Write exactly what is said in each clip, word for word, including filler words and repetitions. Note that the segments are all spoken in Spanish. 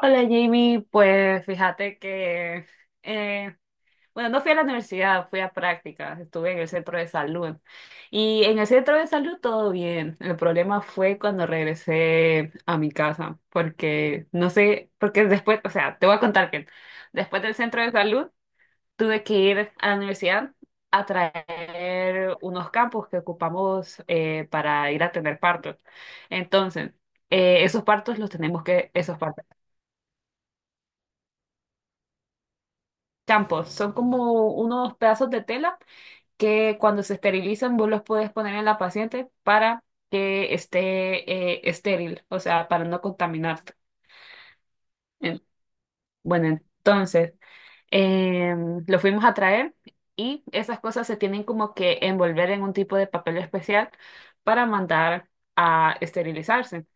Hola Jamie, pues fíjate que, eh, bueno, no fui a la universidad, fui a prácticas, estuve en el centro de salud y en el centro de salud todo bien. El problema fue cuando regresé a mi casa, porque no sé, porque después, o sea, te voy a contar que después del centro de salud tuve que ir a la universidad a traer unos campos que ocupamos eh, para ir a tener partos. Entonces, eh, esos partos los tenemos que, esos partos. Champos, son como unos pedazos de tela que cuando se esterilizan vos los puedes poner en la paciente para que esté eh, estéril, o sea, para no contaminarte. En- Bueno, entonces em, lo fuimos a traer y esas cosas se tienen como que envolver en un tipo de papel especial para mandar a esterilizarse.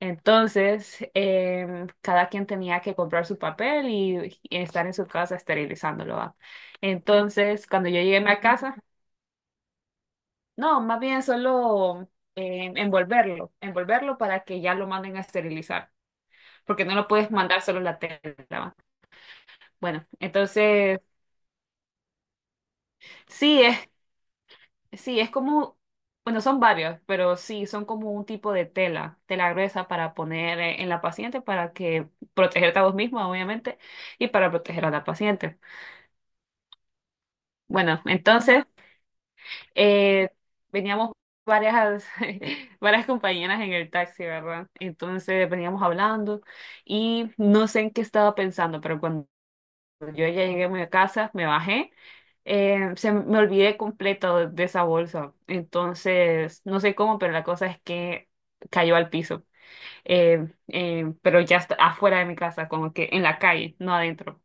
Entonces, em, cada quien tenía que comprar su papel y, y estar en su casa esterilizándolo, ¿va? Entonces, cuando yo llegué a mi casa, no, más bien solo em, envolverlo, envolverlo para que ya lo manden a esterilizar, porque no lo puedes mandar solo la tela, ¿va? Bueno, entonces, sí, es Sí, es como, bueno, son varios, pero sí, son como un tipo de tela, tela gruesa para poner eh, en la paciente para que protegerte a vos mismo, obviamente, y para proteger a la paciente. Bueno, entonces, eh, veníamos varias, varias compañeras en el taxi, ¿verdad? Entonces veníamos hablando y no sé en qué estaba pensando, pero cuando yo ya llegué a mi casa, me bajé, eh, se m- me olvidé completo de de esa bolsa. Entonces, no sé cómo, pero la cosa es que cayó al piso. Eh, eh, pero ya está afuera de mi casa, como que en la calle, no adentro.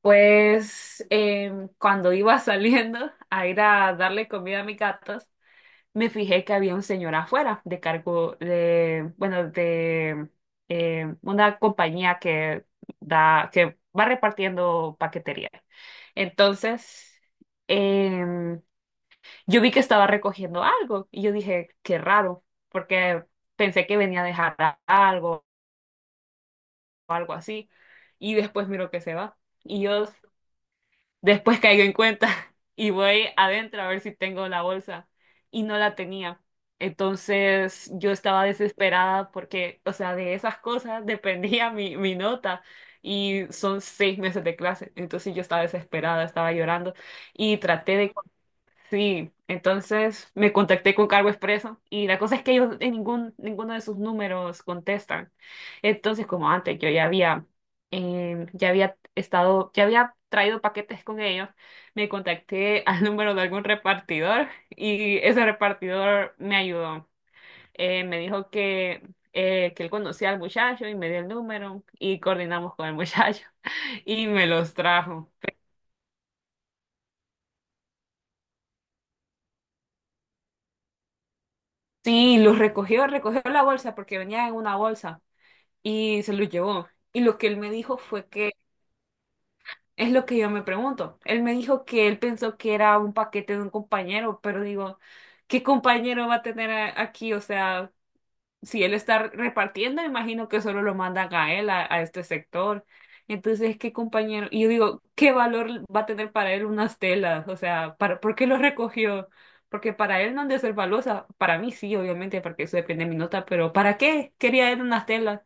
Pues em, cuando iba saliendo a ir a darle comida a mis gatos, me fijé que había un señor afuera de cargo de, bueno, de eh, una compañía que da, que va repartiendo paquetería. Entonces, em, yo vi que estaba recogiendo algo y yo dije, qué raro, porque pensé que venía a dejar a- algo o algo así. Y después miro que se va. Y yo Después caigo en cuenta y voy adentro a ver si tengo la bolsa y no la tenía. Entonces yo estaba desesperada porque, o sea, de esas cosas dependía mi, mi nota y son seis meses de clase. Entonces yo estaba desesperada, estaba llorando y traté de sí, entonces me contacté con Cargo Expreso y la cosa es que ellos en ningún, ninguno de sus números contestan. Entonces, como antes, yo ya había, eh, ya había estado, ya había traído paquetes con ellos, me contacté al número de algún repartidor y ese repartidor me ayudó. Eh, me dijo que, eh, que él conocía al muchacho y me dio el número y coordinamos con el muchacho y me los trajo. Sí, los recogió, recogió la bolsa porque venía en una bolsa y se lo llevó. Y lo que él me dijo fue que, es lo que yo me pregunto, él me dijo que él pensó que era un paquete de un compañero, pero digo, ¿qué compañero va a tener a- aquí? O sea, si él está repartiendo, imagino que solo lo mandan a él, a, a este sector. Entonces, ¿qué compañero? Y yo digo, ¿qué valor va a tener para él unas telas? O sea, para, ¿por qué lo recogió? Porque para él no han de ser valiosa. Para mí sí, obviamente, porque eso depende de mi nota, pero ¿para qué quería él unas telas?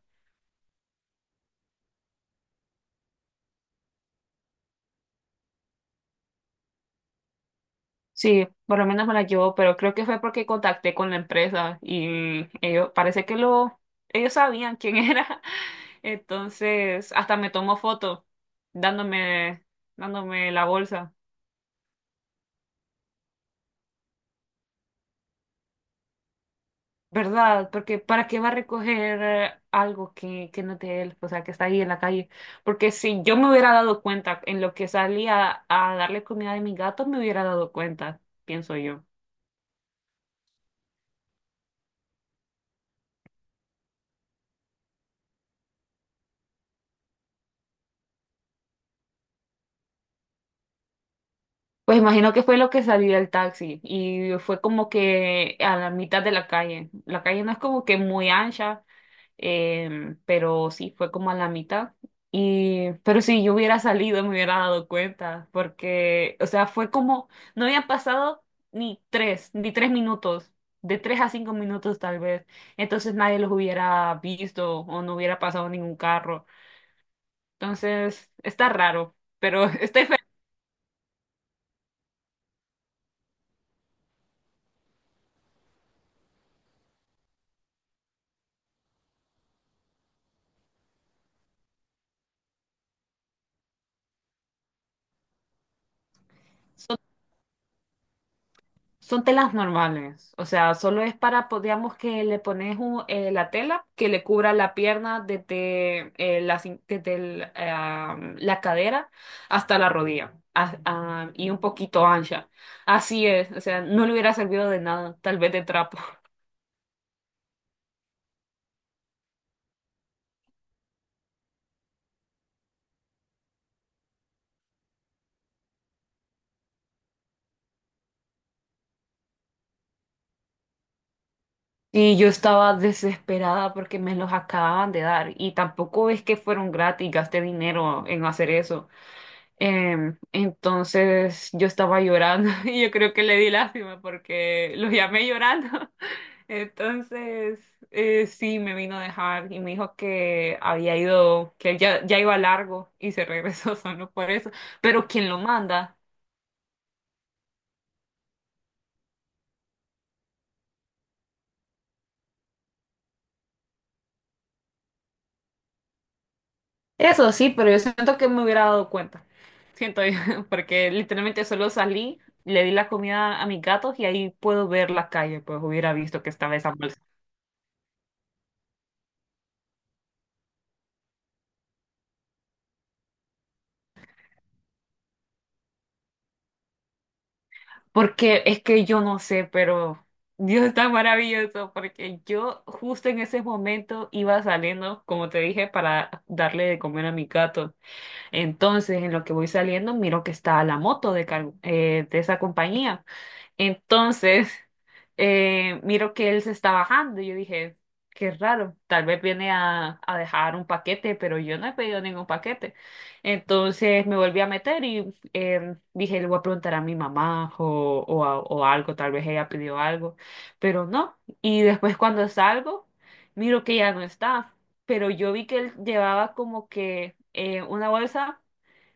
Sí, por lo menos me la llevó, pero creo que fue porque contacté con la empresa y ellos, parece que lo, ellos sabían quién era. Entonces, hasta me tomó foto dándome, dándome la bolsa. ¿Verdad? Porque ¿para qué va a recoger eh, algo que, que no es de él? O sea, que está ahí en la calle. Porque si yo me hubiera dado cuenta en lo que salía a darle comida a mi gato, me hubiera dado cuenta, pienso yo. Pues imagino que fue lo que salí del taxi y fue como que a la mitad de la calle. La calle no es como que muy ancha, em, pero sí fue como a la mitad. Y, pero si yo hubiera salido me hubiera dado cuenta, porque, o sea, fue como, no habían pasado ni tres, ni tres minutos, de tres a cinco minutos tal vez. Entonces nadie los hubiera visto o no hubiera pasado ningún carro. Entonces, está raro, pero estoy feliz. Son telas normales, o sea, solo es para, po- digamos que le pones un- eh, la tela que le cubra la pierna desde, eh, la, cin- desde el, ah, la cadera hasta la rodilla ah, ah, y un poquito ancha. Así es, o sea, no le hubiera servido de nada, tal vez de trapo. Y yo estaba desesperada porque me los acababan de dar y tampoco es que fueron gratis, gasté dinero en hacer eso. Em, entonces yo estaba llorando y yo creo que le di lástima porque lo llamé llorando. Entonces eh, sí me vino a dejar y me dijo que había ido, que ya, ya iba largo y se regresó solo por eso. Pero ¿quién lo manda? Eso sí, pero yo siento que me hubiera dado cuenta. Siento yo, porque literalmente solo salí, le di la comida a mis gatos y ahí puedo ver la calle, pues hubiera visto que estaba esa bolsa. Porque es que yo no sé, pero Dios está maravilloso, porque yo justo en ese momento iba saliendo, como te dije, para darle de comer a mi gato. Entonces, en lo que voy saliendo, miro que está la moto de, car- eh, de esa compañía. Entonces, eh, miro que él se está bajando y yo dije, qué raro, tal vez viene a, a dejar un paquete, pero yo no he pedido ningún paquete. Entonces me volví a meter y eh, dije, le voy a preguntar a mi mamá o, o, a- o algo, tal vez ella pidió algo, pero no. Y después cuando salgo, miro que ya no está, pero yo vi que él llevaba como que eh, una bolsa.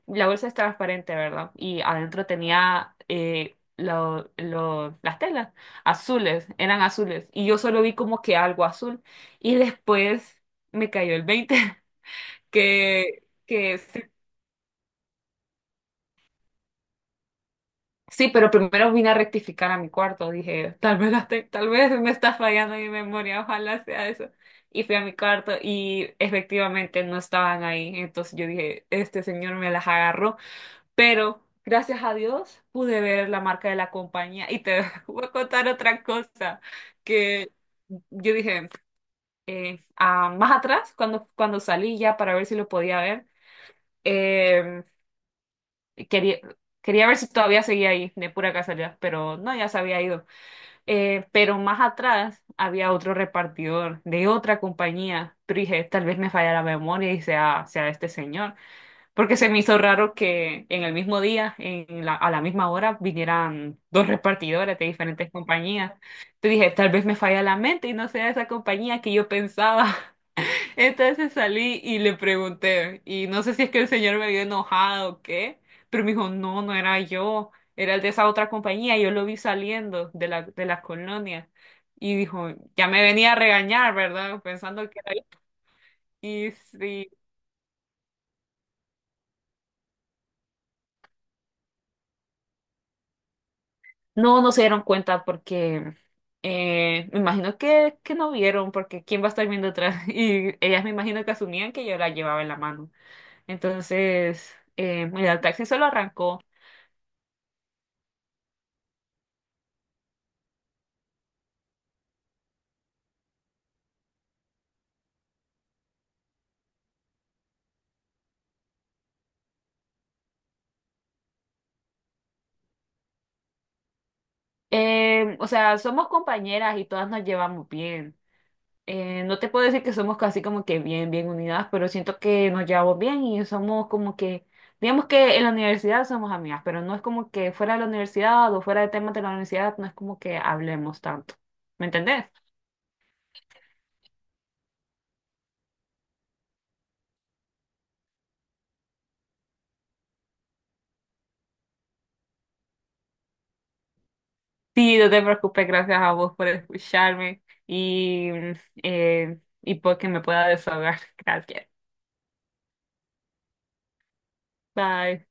La bolsa es transparente, ¿verdad? Y adentro tenía eh, lo- lo- las telas azules, eran azules. Y yo solo vi como que algo azul. Y después me cayó el veinte que, que sí. Sí, pero primero vine a rectificar a mi cuarto. Dije, tal vez, las te- tal vez me está fallando mi memoria, ojalá sea eso. Y fui a mi cuarto y efectivamente no estaban ahí. Entonces yo dije, este señor me las agarró. Pero gracias a Dios pude ver la marca de la compañía y te voy a contar otra cosa que yo dije eh, ah, más atrás, cuando, cuando salí ya para ver si lo podía ver, eh, quería, quería ver si todavía seguía ahí de pura casualidad, pero no, ya se había ido. Eh, pero más atrás había otro repartidor de otra compañía, pero dije, tal vez me falla la memoria y sea, sea este señor. Porque se me hizo raro que en el mismo día, en la- a la misma hora, vinieran dos repartidores de diferentes compañías. Te dije, tal vez me falla la mente y no sea esa compañía que yo pensaba. Entonces salí y le pregunté, y no sé si es que el señor me vio enojado o qué, pero me dijo, no, no era yo, era el de esa otra compañía, yo lo vi saliendo de la, de la colonia. Y dijo, ya me venía a regañar, ¿verdad? Pensando que era yo. Y sí. No, no se dieron cuenta porque eh, me imagino que, que no vieron, porque ¿quién va a estar viendo atrás? Y ellas me imagino que asumían que yo la llevaba en la mano. Entonces, eh, mira, el taxi solo arrancó. Eh, o sea, somos compañeras y todas nos llevamos bien. Eh, no te puedo decir que somos casi como que bien, bien unidas, pero siento que nos llevamos bien y somos como que, digamos que en la universidad somos amigas, pero no es como que fuera de la universidad o fuera de temas de la universidad, no es como que hablemos tanto. ¿Me entendés? Sí, no te preocupes, gracias a vos por escucharme y, eh, y porque me pueda desahogar. Gracias. Bye.